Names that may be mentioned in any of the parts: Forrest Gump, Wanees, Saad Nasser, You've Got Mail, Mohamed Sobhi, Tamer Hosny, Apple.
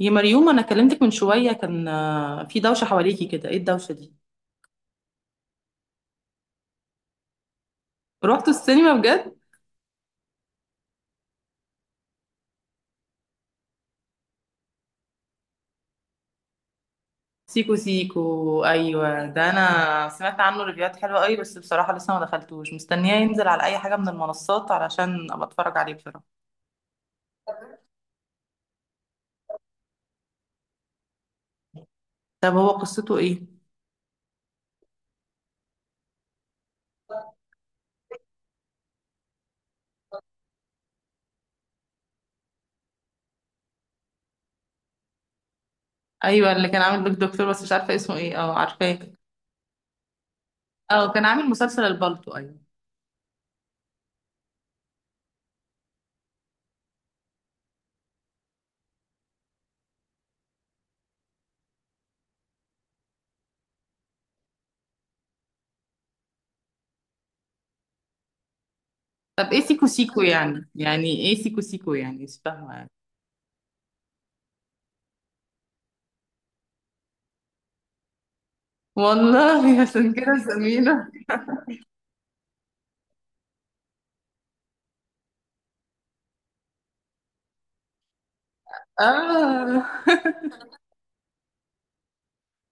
يا مريوم انا كلمتك من شويه كان في دوشه حواليكي كده، ايه الدوشه دي؟ رحتوا السينما بجد؟ سيكو سيكو، ايوه ده انا سمعت عنه ريفيوهات حلوه قوي، بس بصراحه لسه ما دخلتوش، مستنياه ينزل على اي حاجه من المنصات علشان ابقى اتفرج عليه بصراحه. طب هو قصته ايه؟ ايوه اللي كان عامل بيك دكتور، بس مش عارفه اسمه ايه. اه عارفاه. اه كان عامل مسلسل البالتو، ايوه. طب ايه سيكو سيكو يعني، يعني ايه سيكو سيكو يعني؟ مش فاهمه يعني. والله عشان كده سمينه. اه.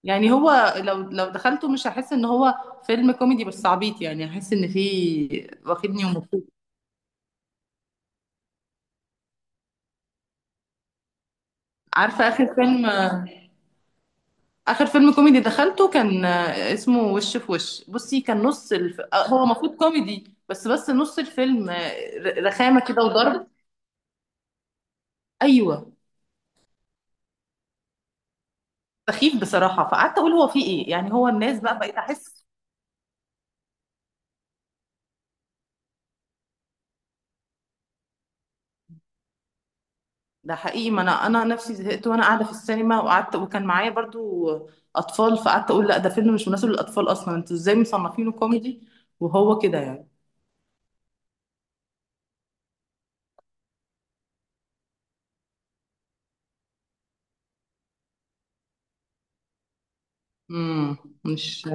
يعني هو لو دخلته، مش هحس ان هو فيلم كوميدي بس عبيط يعني، هحس ان فيه واخدني ومبسوط. عارفه اخر فيلم، اخر فيلم كوميدي دخلته كان اسمه وش في وش، بصي كان نص الف... آه، هو المفروض كوميدي، بس بس نص الفيلم رخامه كده وضرب. ايوه. سخيف بصراحه، فقعدت اقول هو فيه ايه يعني، هو الناس بقى بقيت احس. ده حقيقي، ما انا نفسي زهقت وانا قاعده في السينما، وقعدت وكان معايا برضو اطفال، فقعدت اقول لا ده فيلم مش مناسب للاطفال اصلا، انتوا ازاي مصنفينه كوميدي وهو كده يعني؟ امم، مش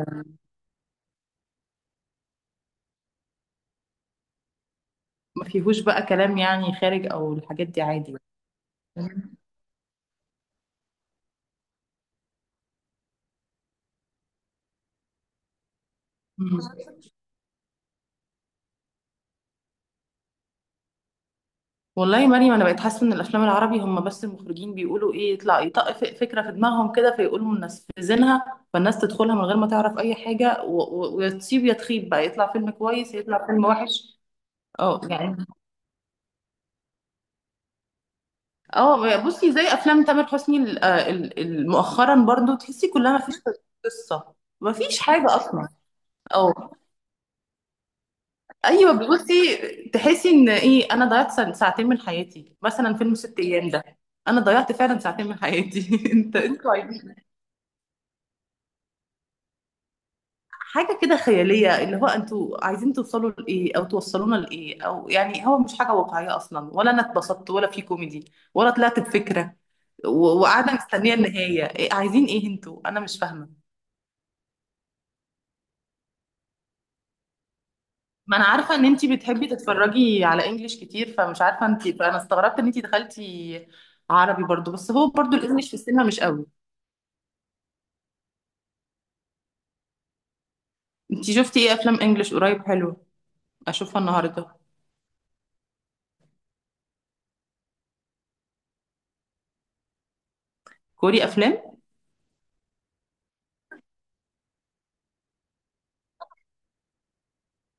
ما فيهوش بقى كلام يعني خارج او الحاجات دي، عادي. مم. والله يا مريم انا بقيت حاسه ان الافلام العربي هم بس المخرجين بيقولوا ايه، يطلع يطق فكره في دماغهم كده فيقولوا منفذينها، فالناس تدخلها من غير ما تعرف اي حاجه، ويا تصيب يا تخيب بقى، يطلع فيلم كويس يطلع فيلم وحش. اه يعني. اه بصي، زي افلام تامر حسني مؤخرا برضو، تحسي كلها ما فيش قصه، ما فيش حاجه اصلا. اه. ايوه بصي، تحسي ان ايه، انا ضيعت ساعتين من حياتي، مثلا فيلم ست ايام ده انا ضيعت فعلا ساعتين من حياتي. انت انتوا عايزين حاجه كده خياليه، اللي هو انتوا عايزين توصلوا لايه او توصلونا لايه، او يعني هو مش حاجه واقعيه اصلا، ولا انا اتبسطت ولا في كوميدي ولا طلعت بفكره، وقاعده مستنيه النهايه، إيه عايزين ايه انتوا؟ انا مش فاهمه. ما انا عارفه ان انتي بتحبي تتفرجي على انجليش كتير، فمش عارفه انتي، فانا استغربت ان انتي دخلتي عربي برضو، بس هو برضو الانجليش في السينما مش قوي. انتي شفتي ايه افلام انجليش قريب حلو اشوفها النهارده؟ كوري افلام؟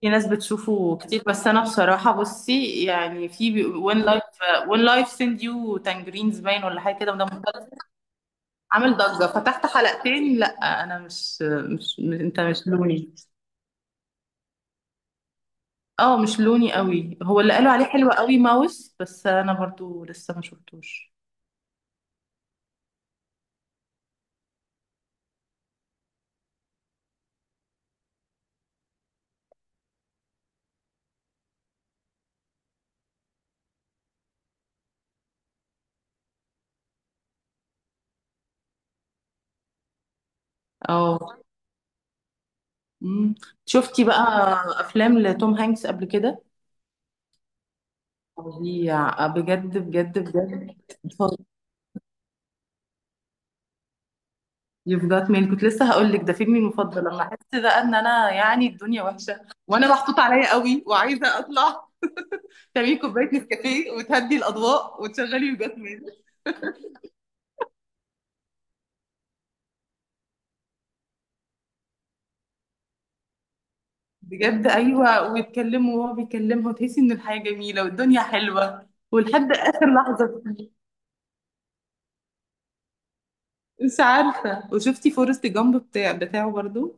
في ناس بتشوفه كتير، بس انا بصراحه بصي يعني في وين لايف. وين لايف، سند يو تانجرينز باين ولا حاجه كده، وده مسلسل عامل ضجه. فتحت حلقتين، لا انا مش انت مش لوني. اه مش لوني قوي. هو اللي قالوا عليه حلو قوي ماوس، بس انا برضو لسه ما شفتوش. اه. مم. شفتي بقى افلام لتوم هانكس قبل كده؟ فظيع بجد بجد بجد. يو جات ميل، كنت لسه هقول لك ده فيلمي المفضل، لما احس بقى ان انا يعني الدنيا وحشه وانا محطوط عليا قوي وعايزه اطلع، تعملي كوبايه نسكافيه وتهدي الاضواء وتشغلي يو جات. بجد ايوه، ويتكلموا وهو بيكلمها وتحسي ان الحياه جميله والدنيا حلوه، ولحد اخر لحظه. مش عارفه. وشفتي فورست جامب بتاع بتاعه برضو؟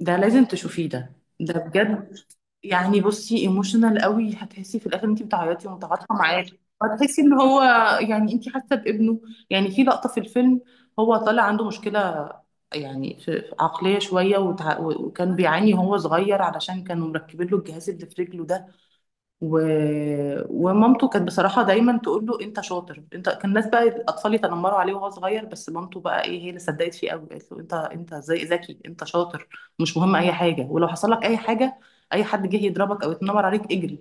ده لازم تشوفيه ده، ده بجد يعني، بصي ايموشنال قوي، هتحسي في الاخر انت بتعيطي ومتعاطفه معاه، وهتحسي ان هو يعني انت حاسه بابنه. يعني في لقطه في الفيلم هو طالع عنده مشكله يعني، في عقليه شويه، وكان بيعاني وهو صغير علشان كانوا مركبين له الجهاز اللي في رجله ده، و... ومامته كانت بصراحة دايما تقول له انت شاطر انت، كان الناس بقى الاطفال يتنمروا عليه وهو صغير، بس مامته بقى ايه هي اللي صدقت فيه قوي، قالت له انت، انت زي ذكي، انت شاطر، مش مهم اي حاجة، ولو حصل لك اي حاجة، اي حد جه يضربك او يتنمر عليك اجري،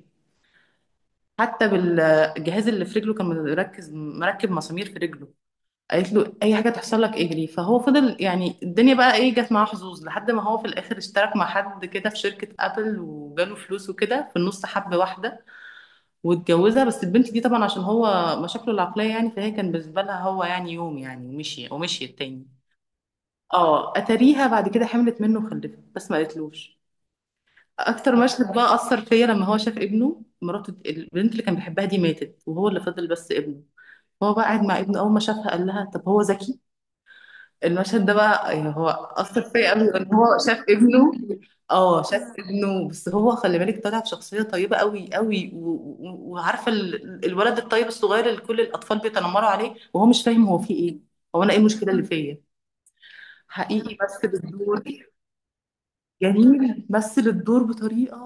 حتى بالجهاز اللي في رجله كان مركب مسامير في رجله، قالت له اي حاجة تحصل لك اجري. فهو فضل يعني الدنيا بقى ايه، جت معاه حظوظ لحد ما هو في الاخر اشترك مع حد كده في شركة ابل وجاله فلوس، وكده في النص حب واحدة واتجوزها، بس البنت دي طبعا عشان هو مشاكله العقلية يعني، فهي كان بالنسبة لها هو يعني يوم يعني ومشي ومشي التاني. اه اتاريها بعد كده حملت منه وخلفت، بس ما قالتلوش. اكتر مشهد بقى اثر فيا لما هو شاف ابنه، مراته البنت اللي كان بيحبها دي ماتت، وهو اللي فضل بس ابنه، هو بقى قاعد مع ابنه، اول ما شافها قال لها طب هو ذكي؟ المشهد ده بقى يعني هو أثر فيا قوي، إن هو شاف ابنه، اه شاف ابنه. بس هو خلي بالك طالع بشخصية طيبة قوي قوي، وعارفة الولد الطيب الصغير اللي كل الأطفال بيتنمروا عليه وهو مش فاهم هو فيه إيه، هو أنا إيه المشكلة اللي فيا؟ حقيقي بس بالدور، جميل مثل الدور بطريقة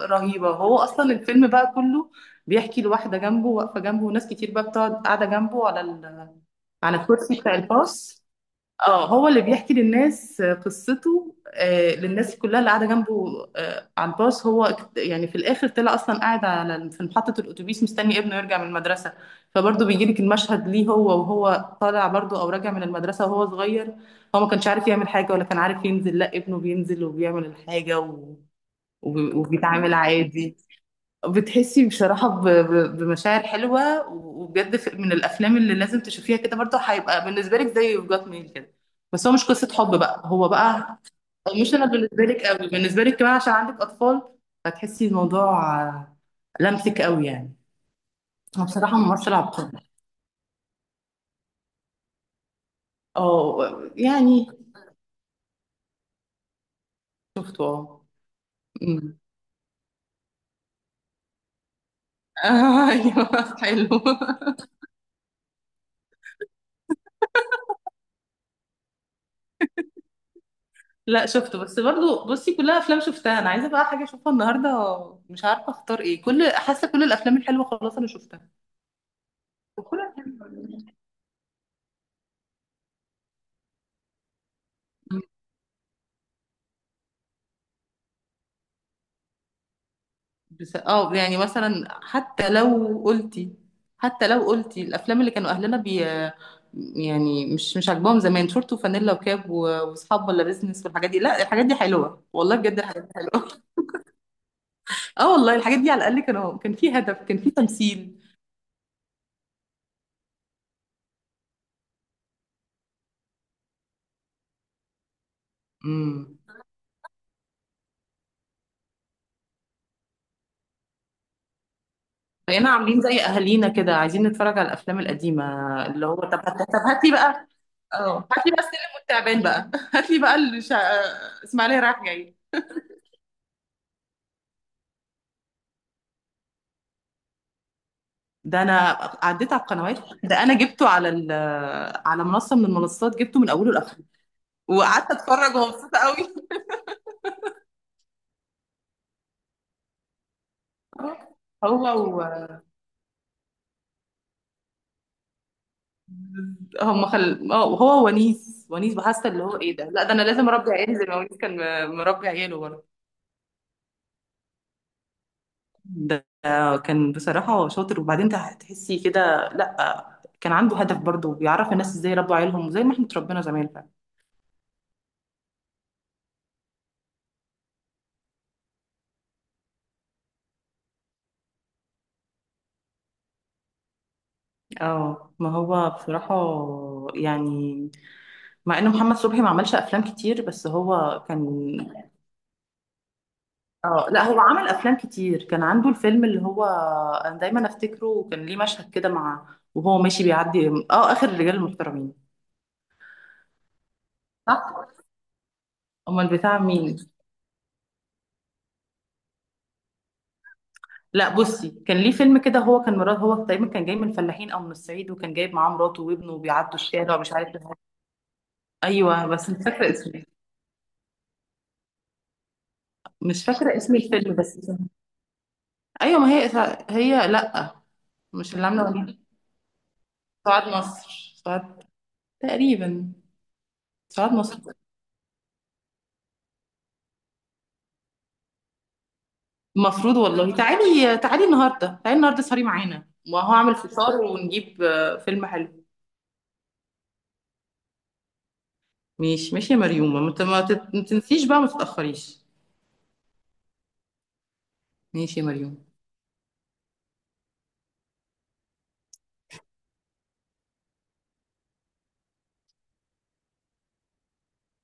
رهيبة. هو أصلا الفيلم بقى كله بيحكي لواحدة جنبه واقفة جنبه، وناس كتير بقى بتقعد قاعدة جنبه على ال... على الكرسي بتاع الباص، اه هو اللي بيحكي للناس قصته، للناس كلها اللي قاعده جنبه على الباص. هو اكت- يعني في الاخر طلع اصلا قاعد على في محطه الاتوبيس مستني ابنه يرجع من المدرسه، فبرضه بيجي لك المشهد ليه هو وهو طالع برضه او راجع من المدرسه وهو صغير، هو ما كانش عارف يعمل حاجه ولا كان عارف ينزل، لا ابنه بينزل وبيعمل الحاجه و... وبيتعامل عادي. بتحسي بصراحة بمشاعر حلوة وبجد، من الأفلام اللي لازم تشوفيها كده، برضه هيبقى بالنسبة لك زي يوف جات ميل كده، بس هو مش قصة حب بقى، هو بقى مش أنا بالنسبة لك قوي، بالنسبة لك كمان عشان عندك أطفال، هتحسي الموضوع لمسك قوي يعني. هو بصراحة ممثل عبقري. اه يعني. شفته اه. أمم. ايوه. حلو. لا شفته. بس برضو بصي كلها افلام شفتها، انا عايزه بقى حاجه اشوفها النهارده، مش عارفه اختار ايه، كل حاسه كل الافلام الحلوه خلاص انا شفتها. وكل الأفلام، بس اه يعني مثلا حتى لو قلتي، حتى لو قلتي الافلام اللي كانوا اهلنا بي يعني مش مش عاجباهم زمان، شورت وفانيلا وكاب واصحاب ولا بيزنس والحاجات دي، لا الحاجات دي حلوه والله، بجد الحاجات دي حلوه. اه والله الحاجات دي على الاقل كانوا كان في هدف كان في تمثيل. امم. بقينا عاملين زي اهالينا كده عايزين نتفرج على الافلام القديمه، اللي هو طب هات، طب هات لي بقى، اه هات لي بقى السلم والتعبان بقى، هات لي بقى الشا... اسماعيليه رايح جاي. ده انا عديت على القنوات، ده انا جبته على ال... على منصه من المنصات، جبته من اوله لاخره وقعدت اتفرج ومبسوطه قوي. هو و... هم خل... هو ونيس، ونيس بحاسه اللي هو ايه ده، لا ده انا لازم اربي عيالي زي ما ونيس كان مربي عياله. ده كان بصراحة شاطر، وبعدين تحسي كده، لأ كان عنده هدف برضه، بيعرف الناس ازاي يربوا عيالهم، وزي ما احنا اتربينا زمان فعلا. اه ما هو بصراحة يعني، مع ان محمد صبحي ما عملش افلام كتير، بس هو كان، اه لا هو عمل افلام كتير، كان عنده الفيلم اللي هو، انا دايما افتكره، وكان ليه مشهد كده مع، وهو ماشي بيعدي، اه اخر الرجال المحترمين. صح. امال بتاع مين؟ لا بصي كان ليه فيلم كده، هو كان مراد، هو تقريبا كان جاي من الفلاحين او من الصعيد، وكان جايب معاه مراته وابنه وبيعدوا الشارع، ومش عارف إيه. ايوه بس مش فاكره اسمه إيه. مش فاكره اسم الفيلم بس. ايوه ما هي، هي لا، مش اللي عامله وليد. سعاد نصر، سعاد تقريبا، سعاد نصر. المفروض والله، تعالي تعالي النهارده، تعالي النهارده سهري معانا، ما هو عامل فطار ونجيب فيلم حلو. ماشي ماشي يا مريومه، ما ما تنسيش بقى ما تتاخريش. ماشي يا مريومه.